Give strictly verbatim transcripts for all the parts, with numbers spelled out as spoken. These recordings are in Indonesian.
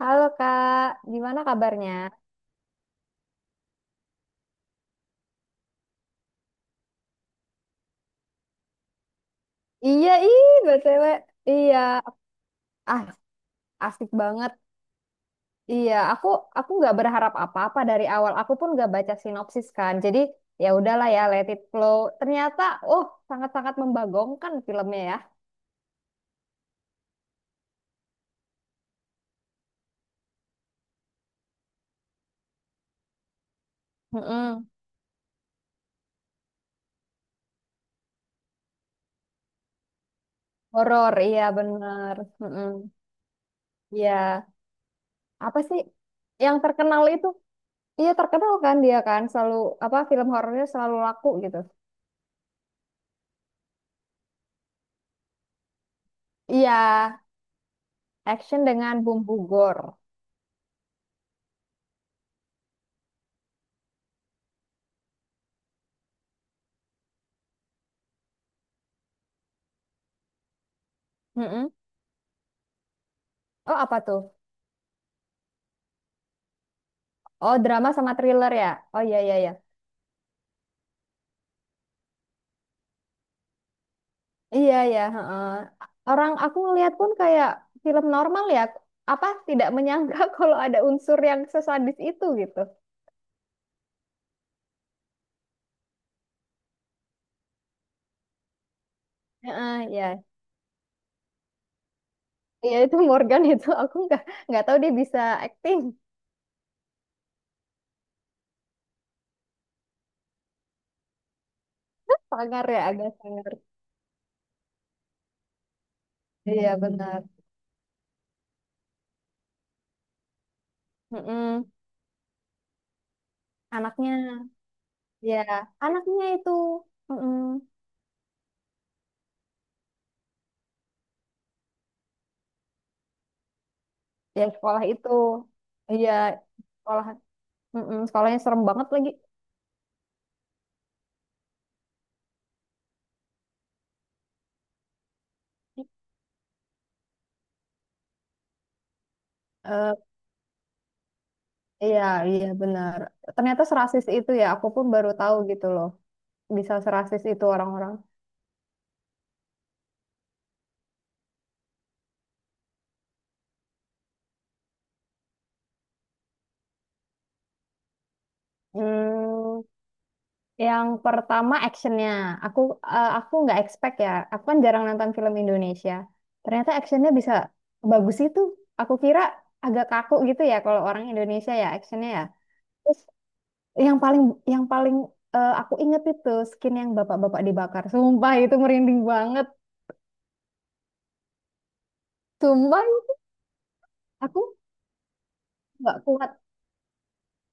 Halo Kak, gimana kabarnya? Iya, ih, B T W. Iya, ah, asik banget. Iya, aku aku nggak berharap apa-apa dari awal. Aku pun nggak baca sinopsis kan. Jadi ya udahlah ya, let it flow. Ternyata, oh, sangat-sangat membagongkan filmnya ya. Mm-mm. Horor, iya bener. Mm-mm. Iya, apa sih yang terkenal itu? Iya terkenal kan, dia kan selalu apa film horornya selalu laku gitu. Iya, action dengan bumbu gore. Oh apa tuh? Oh drama sama thriller ya? Oh iya iya iya. Iya iya. Heeh. Orang aku ngeliat pun kayak film normal ya. Apa tidak menyangka kalau ada unsur yang sesadis itu gitu. Heeh, iya. Iya itu Morgan itu, aku nggak nggak tahu dia bisa acting. Sangar ya agak sangar. Iya benar. Mm-mm. Anaknya. Iya anaknya itu. Mm-mm. Ya sekolah itu. Iya sekolah. Mm-mm. Sekolahnya serem banget lagi. Eh, Iya, iya benar. Ternyata serasis itu ya, aku pun baru tahu gitu loh. Bisa serasis itu orang-orang. Hmm, yang pertama actionnya. Aku eh, aku nggak expect ya. Aku kan jarang nonton film Indonesia. Ternyata actionnya bisa bagus itu. Aku kira agak kaku gitu ya, kalau orang Indonesia ya actionnya ya. Terus yang paling yang paling eh, aku inget itu skin yang bapak-bapak dibakar. Sumpah itu merinding banget. Sumpah aku nggak kuat.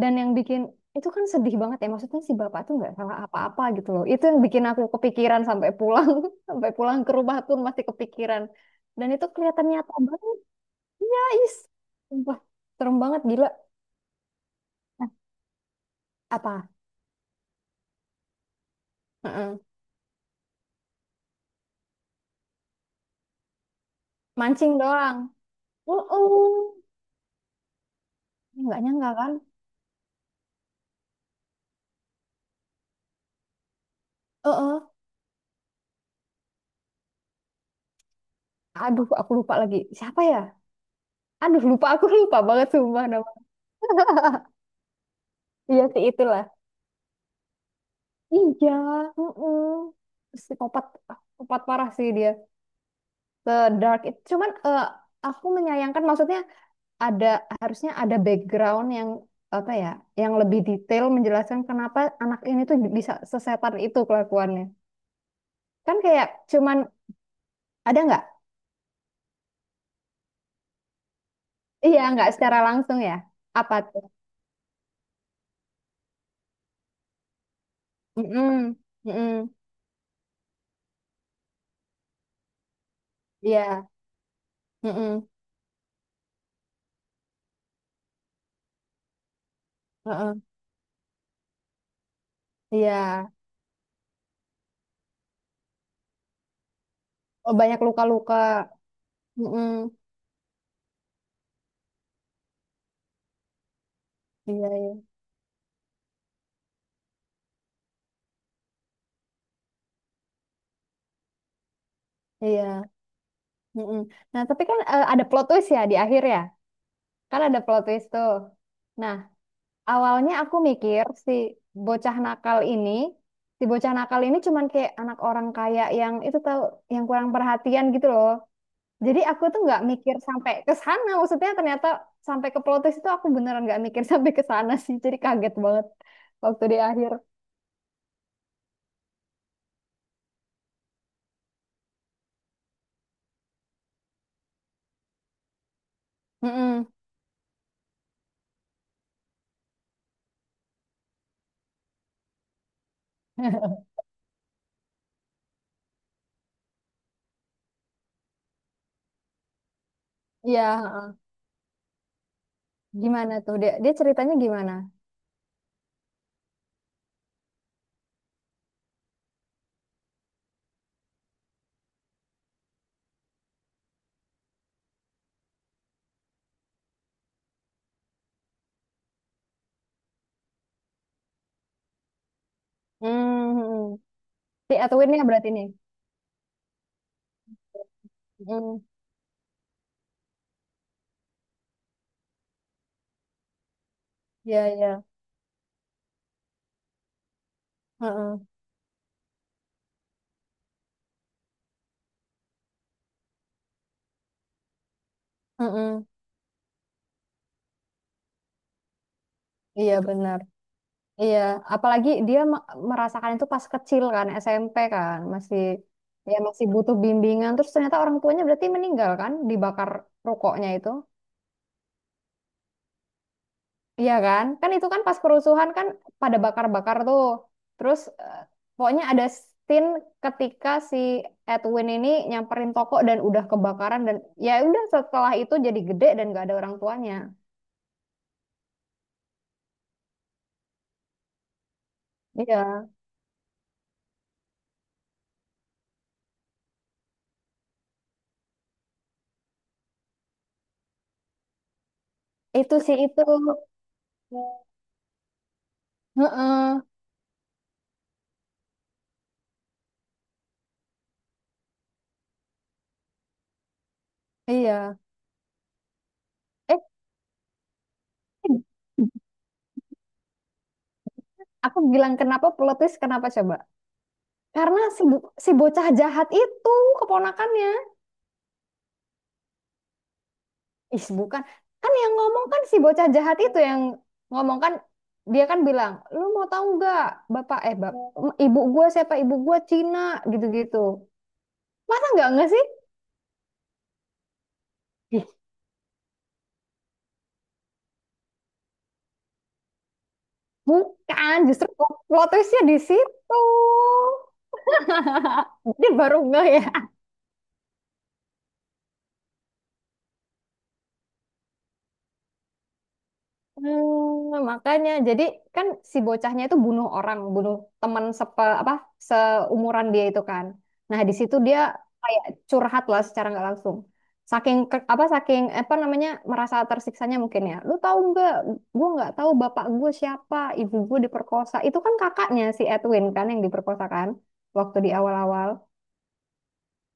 Dan yang bikin itu kan sedih banget ya. Maksudnya si bapak tuh nggak salah apa-apa gitu loh. Itu yang bikin aku kepikiran sampai pulang, sampai pulang ke rumah pun masih kepikiran. Dan itu kelihatan nyata banget, guys. Wah, serem banget gila. Apa? Heeh. Mancing doang. Uh-uh. Nggak nyangka kan? Uh-uh. Aduh, aku lupa lagi. Siapa ya? Aduh, lupa aku, lupa banget sumpah nama. Iya sih itulah. Iya, heeh. Psikopat, psikopat parah sih dia. Sedark itu cuman, eh, aku menyayangkan maksudnya ada harusnya ada background yang apa ya, yang lebih detail menjelaskan kenapa anak ini tuh bisa sesetan itu kelakuannya, kan kayak cuman ada nggak. Iya nggak secara langsung ya. Apa tuh? mm iya. Mm-mm. Heeh. Iya. Oh banyak luka-luka. Mm-mm. Iya iya iya. Mm-mm. Nah tapi kan, eh, ada plot twist ya di akhir ya. Kan ada plot twist tuh. Nah, awalnya aku mikir si bocah nakal ini, si bocah nakal ini cuman kayak anak orang kaya yang itu tahu, yang kurang perhatian gitu loh. Jadi aku tuh nggak mikir sampai ke sana. Maksudnya ternyata sampai ke plot twist itu aku beneran nggak mikir sampai ke sana sih. Jadi kaget banget waktu di akhir. Mm-mm. Iya, heeh. Gimana tuh? Dia, dia ceritanya gimana? Hmm, Si Edwin-nya berarti nih. Hmm, iya, iya. Heeh. Heeh. Iya, benar. Iya, apalagi dia me- merasakan itu pas kecil kan, S M P kan, masih ya masih butuh bimbingan. Terus ternyata orang tuanya berarti meninggal kan, dibakar rokoknya itu. Iya kan? Kan itu kan pas kerusuhan kan, pada bakar-bakar tuh. Terus eh, pokoknya ada scene ketika si Edwin ini nyamperin toko dan udah kebakaran dan ya udah, setelah itu jadi gede dan gak ada orang tuanya. Iya, itu sih itu. Heeh, iya. Eh, Aku bilang kenapa plot twist, kenapa coba? Karena si, bo- si bocah jahat itu keponakannya. Ih, bukan. Kan yang ngomong kan si bocah jahat itu, yang ngomong kan dia kan bilang, "Lu mau tahu nggak, Bapak eh bap, ibu gua siapa? Ibu gua Cina gitu-gitu." Masa nggak nggak sih? Ih, bukan, justru plot twistnya di situ. Dia baru nggak ya. Hmm, makanya jadi kan si bocahnya itu bunuh orang, bunuh teman sepe apa seumuran dia itu kan. Nah, di situ dia kayak curhat lah secara nggak langsung. Saking ke- apa saking apa namanya merasa tersiksanya mungkin ya. Lu tahu nggak? Gue nggak tahu bapak gue siapa, ibu gue diperkosa. Itu kan kakaknya si Edwin kan yang diperkosa kan waktu di awal-awal.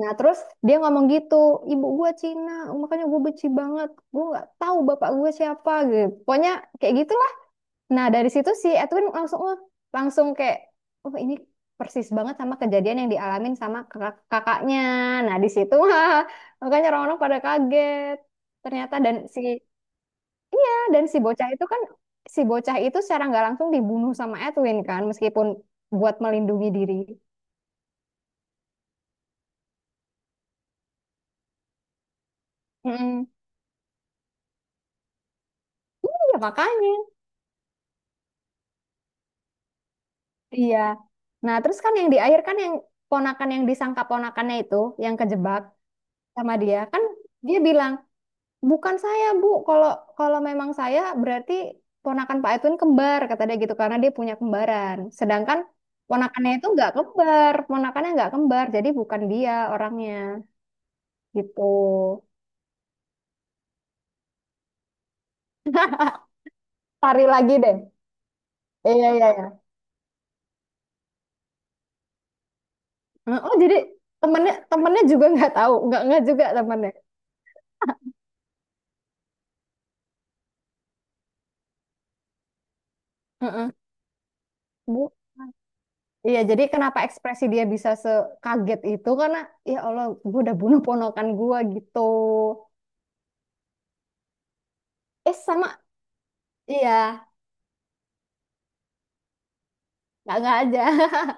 Nah, terus dia ngomong gitu, ibu gue Cina, makanya gue benci banget. Gue nggak tahu bapak gue siapa gitu. Pokoknya kayak gitu. Nah, dari situ si Edwin langsung, "Wah," langsung kayak oh ini persis banget sama kejadian yang dialamin sama kakak- kakaknya. Nah, di situ wah, makanya orang-orang pada kaget. Ternyata dan si dan si bocah itu kan, si bocah itu secara nggak langsung dibunuh sama Edwin kan meskipun buat melindungi diri. Mm-mm. Iya, makanya. Iya. Nah, terus kan yang di akhir kan yang ponakan yang disangka ponakannya itu yang kejebak sama dia kan, dia bilang, Bukan saya, Bu. Kalau kalau memang saya berarti ponakan Pak Edwin kembar kata dia gitu, karena dia punya kembaran. Sedangkan ponakannya itu nggak kembar, ponakannya nggak kembar, jadi bukan dia orangnya gitu. Cari lagi deh. Iya iya iya. Oh jadi temennya temennya juga nggak tahu, nggak nggak juga temennya. Heeh. Bu. Iya, jadi kenapa ekspresi dia bisa sekaget itu karena ya Allah, gue udah bunuh ponakan gue gitu. Eh sama, iya nggak nggak aja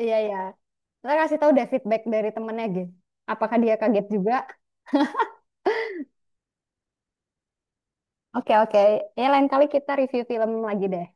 iya iya, kita kasih tahu deh feedback dari temennya gitu apakah dia kaget juga. Oke oke, ya lain kali kita review film lagi deh.